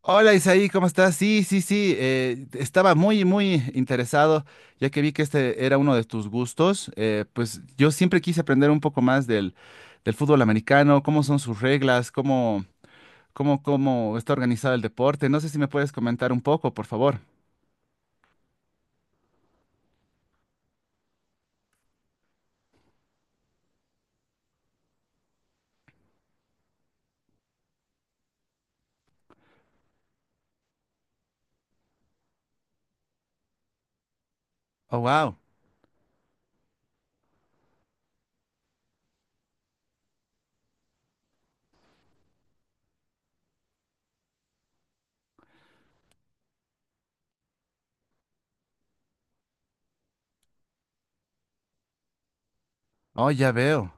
Hola Isaí, ¿cómo estás? Sí, sí, sí, estaba muy, muy interesado, ya que vi que este era uno de tus gustos. Pues yo siempre quise aprender un poco más del fútbol americano, cómo son sus reglas, cómo está organizado el deporte. No sé si me puedes comentar un poco, por favor. Oh, wow. Oh, ya veo.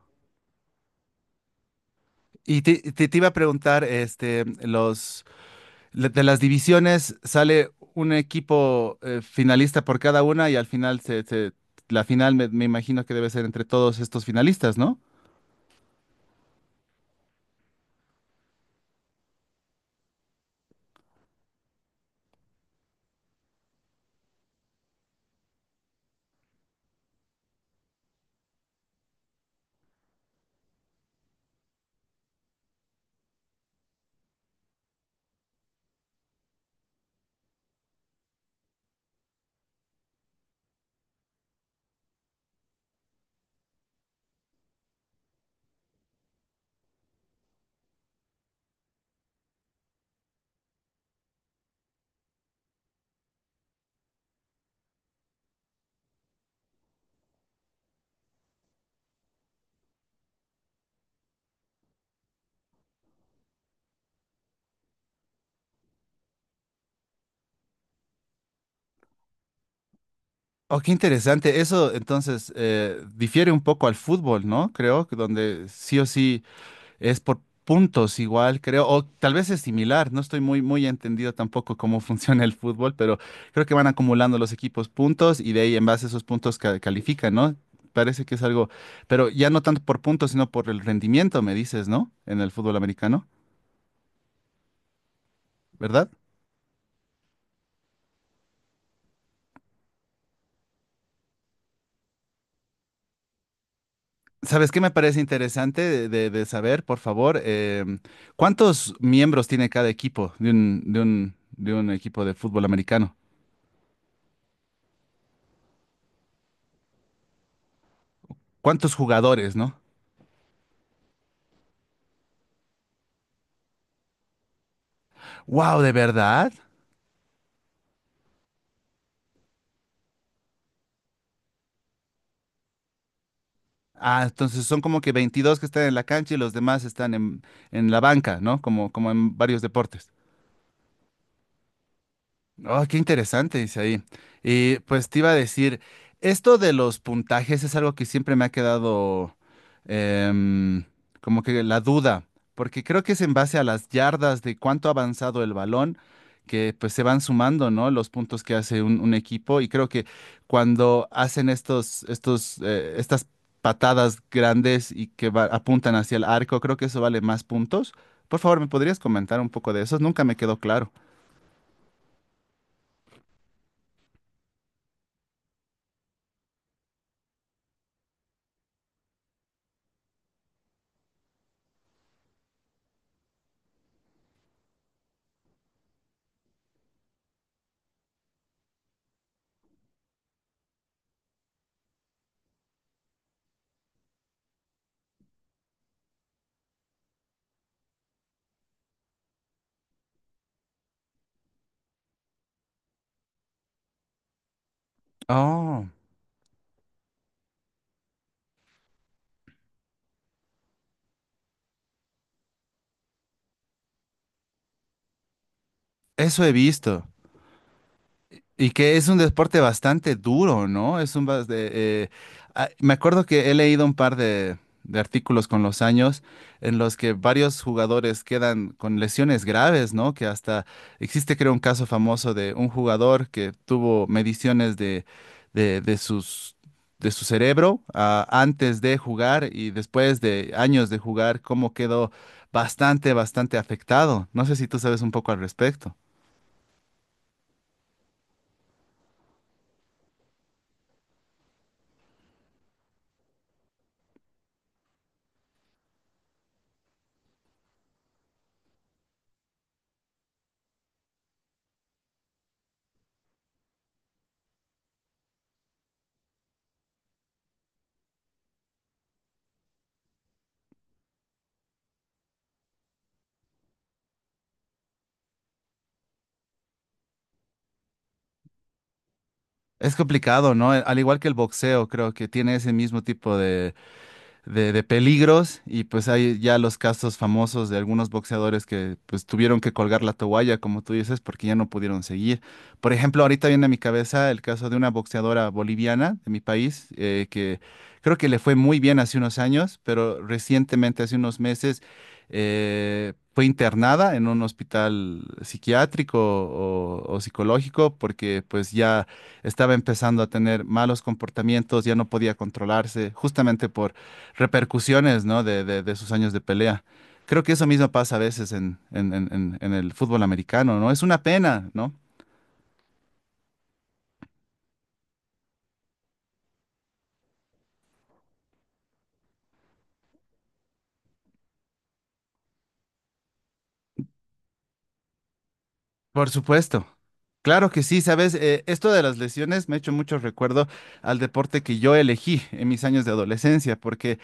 Y te iba a preguntar, los, de las divisiones sale un equipo finalista por cada una y al final la final me imagino que debe ser entre todos estos finalistas, ¿no? Oh, qué interesante. Eso entonces difiere un poco al fútbol, ¿no? Creo que donde sí o sí es por puntos igual, creo, o tal vez es similar, no estoy muy, muy entendido tampoco cómo funciona el fútbol, pero creo que van acumulando los equipos puntos y de ahí en base a esos puntos califican, ¿no? Parece que es algo, pero ya no tanto por puntos, sino por el rendimiento, me dices, ¿no? En el fútbol americano, ¿verdad? ¿Sabes qué me parece interesante de saber, por favor? ¿Cuántos miembros tiene cada equipo de un equipo de fútbol americano? ¿Cuántos jugadores, no? Wow, ¿de verdad? Ah, entonces son como que 22 que están en la cancha y los demás están en la banca, ¿no? Como, como en varios deportes. Oh, qué interesante, dice ahí. Y pues te iba a decir, esto de los puntajes es algo que siempre me ha quedado em, como que la duda, porque creo que es en base a las yardas de cuánto ha avanzado el balón, que pues se van sumando, ¿no? Los puntos que hace un equipo y creo que cuando hacen estas patadas grandes y que apuntan hacia el arco, creo que eso vale más puntos. Por favor, ¿me podrías comentar un poco de eso? Nunca me quedó claro. Oh. Eso he visto. Y que es un deporte bastante duro, ¿no? Es un bas- de, ah, Me acuerdo que he leído un par de artículos con los años en los que varios jugadores quedan con lesiones graves, ¿no? Que hasta existe, creo, un caso famoso de un jugador que tuvo mediciones de, de sus, de su cerebro, antes de jugar y después de años de jugar, cómo quedó bastante, bastante afectado. No sé si tú sabes un poco al respecto. Es complicado, ¿no? Al igual que el boxeo, creo que tiene ese mismo tipo de peligros y pues hay ya los casos famosos de algunos boxeadores que pues tuvieron que colgar la toalla, como tú dices, porque ya no pudieron seguir. Por ejemplo, ahorita viene a mi cabeza el caso de una boxeadora boliviana de mi país que creo que le fue muy bien hace unos años, pero recientemente, hace unos meses, fue internada en un hospital psiquiátrico o psicológico porque pues ya estaba empezando a tener malos comportamientos, ya no podía controlarse justamente repercusiones, ¿no? De sus años de pelea. Creo que eso mismo pasa a veces en el fútbol americano, ¿no? Es una pena, ¿no? Por supuesto. Claro que sí, sabes. Esto de las lesiones me ha hecho mucho recuerdo al deporte que yo elegí en mis años de adolescencia, porque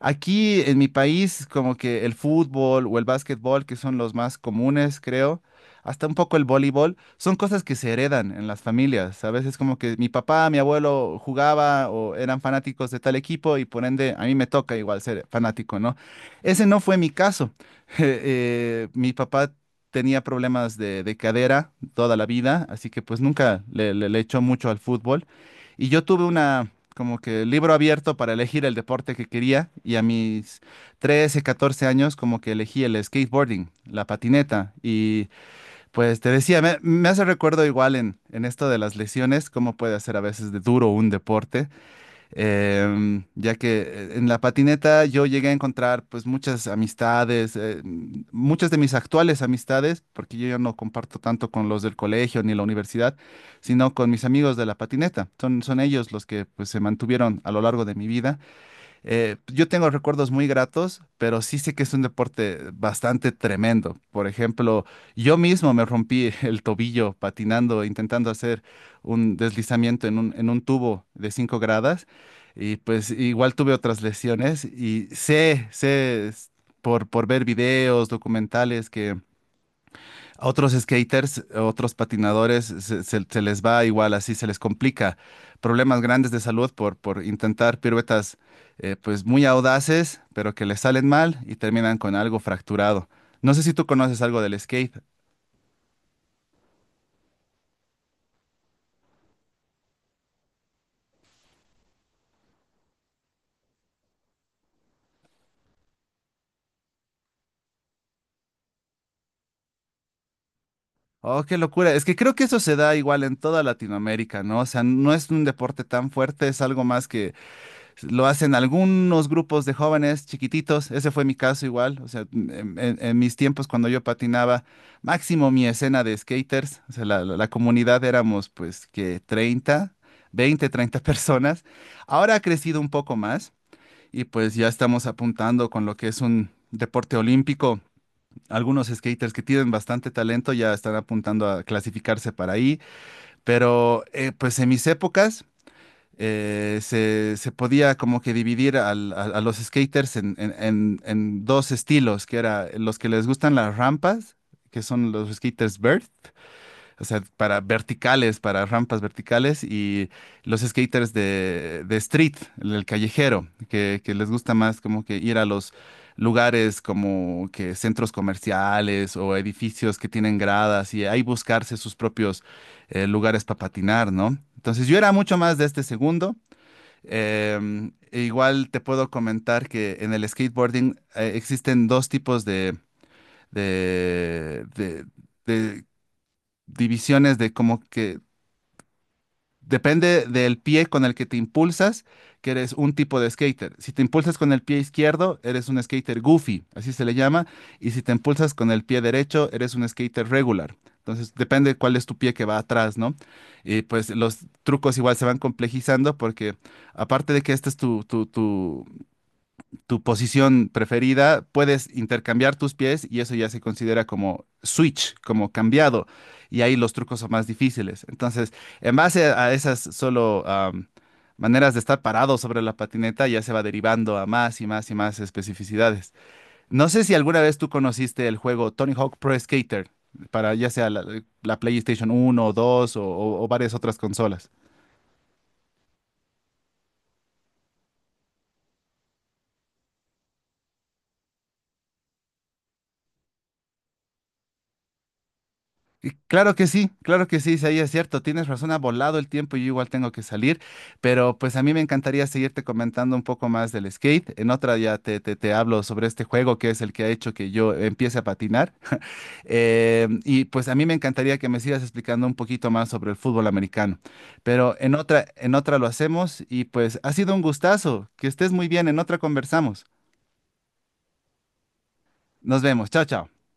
aquí en mi país como que el fútbol o el básquetbol, que son los más comunes, creo, hasta un poco el voleibol, son cosas que se heredan en las familias, ¿sabes? Es como que mi papá, mi abuelo jugaba o eran fanáticos de tal equipo y por ende a mí me toca igual ser fanático, ¿no? Ese no fue mi caso. Mi papá tenía problemas de cadera toda la vida, así que pues nunca le echó mucho al fútbol. Y yo tuve una, como que libro abierto para elegir el deporte que quería y a mis 13 14 años como que elegí el skateboarding, la patineta. Y pues te decía, me hace recuerdo igual en esto de las lesiones, cómo puede ser a veces de duro un deporte ya que en la patineta yo llegué a encontrar pues muchas amistades, muchas de mis actuales amistades, porque yo ya no comparto tanto con los del colegio ni la universidad, sino con mis amigos de la patineta. Son ellos los que pues se mantuvieron a lo largo de mi vida yo tengo recuerdos muy gratos, pero sí sé que es un deporte bastante tremendo. Por ejemplo, yo mismo me rompí el tobillo patinando, intentando hacer un deslizamiento en un tubo de 5 gradas. Y pues igual tuve otras lesiones y sé es por ver videos, documentales que a otros skaters, a otros patinadores, se les va igual así, se les complica. Problemas grandes de salud por intentar piruetas pues muy audaces, pero que les salen mal y terminan con algo fracturado. No sé si tú conoces algo del skate. Oh, qué locura. Es que creo que eso se da igual en toda Latinoamérica, ¿no? O sea, no es un deporte tan fuerte, es algo más que lo hacen algunos grupos de jóvenes chiquititos, ese fue mi caso igual, o sea, en mis tiempos cuando yo patinaba, máximo mi escena de skaters, o sea, la comunidad éramos pues que 30 20 30 personas. Ahora ha crecido un poco más y pues ya estamos apuntando con lo que es un deporte olímpico. Algunos skaters que tienen bastante talento ya están apuntando a clasificarse para ahí, pero pues en mis épocas se podía como que dividir a los skaters en dos estilos, que era los que les gustan las rampas, que son los skaters vert, o sea, para verticales, para rampas verticales, y los skaters de street, el callejero, que les gusta más como que ir a los lugares como que centros comerciales o edificios que tienen gradas y ahí buscarse sus propios lugares para patinar, ¿no? Entonces yo era mucho más de este segundo. E igual te puedo comentar que en el skateboarding existen dos tipos de, de- de divisiones de como que depende del pie con el que te impulsas, que eres un tipo de skater. Si te impulsas con el pie izquierdo, eres un skater goofy, así se le llama, y si te impulsas con el pie derecho, eres un skater regular. Entonces depende cuál es tu pie que va atrás, ¿no? Y pues los trucos igual se van complejizando porque aparte de que este es tu tu posición preferida, puedes intercambiar tus pies y eso ya se considera como switch, como cambiado. Y ahí los trucos son más difíciles. Entonces, en base a esas solo maneras de estar parado sobre la patineta, ya se va derivando a más y más y más especificidades. No sé si alguna vez tú conociste el juego Tony Hawk Pro Skater, para ya sea la PlayStation 1 o 2 o o varias otras consolas. Y claro que sí, claro que sí, sí, ahí es cierto, tienes razón, ha volado el tiempo y yo igual tengo que salir, pero pues a mí me encantaría seguirte comentando un poco más del skate. En otra ya te hablo sobre este juego que es el que ha hecho que yo empiece a patinar. Y pues a mí me encantaría que me sigas explicando un poquito más sobre el fútbol americano, pero en otra lo hacemos y pues ha sido un gustazo, que estés muy bien, en otra conversamos. Nos vemos, chao, chao.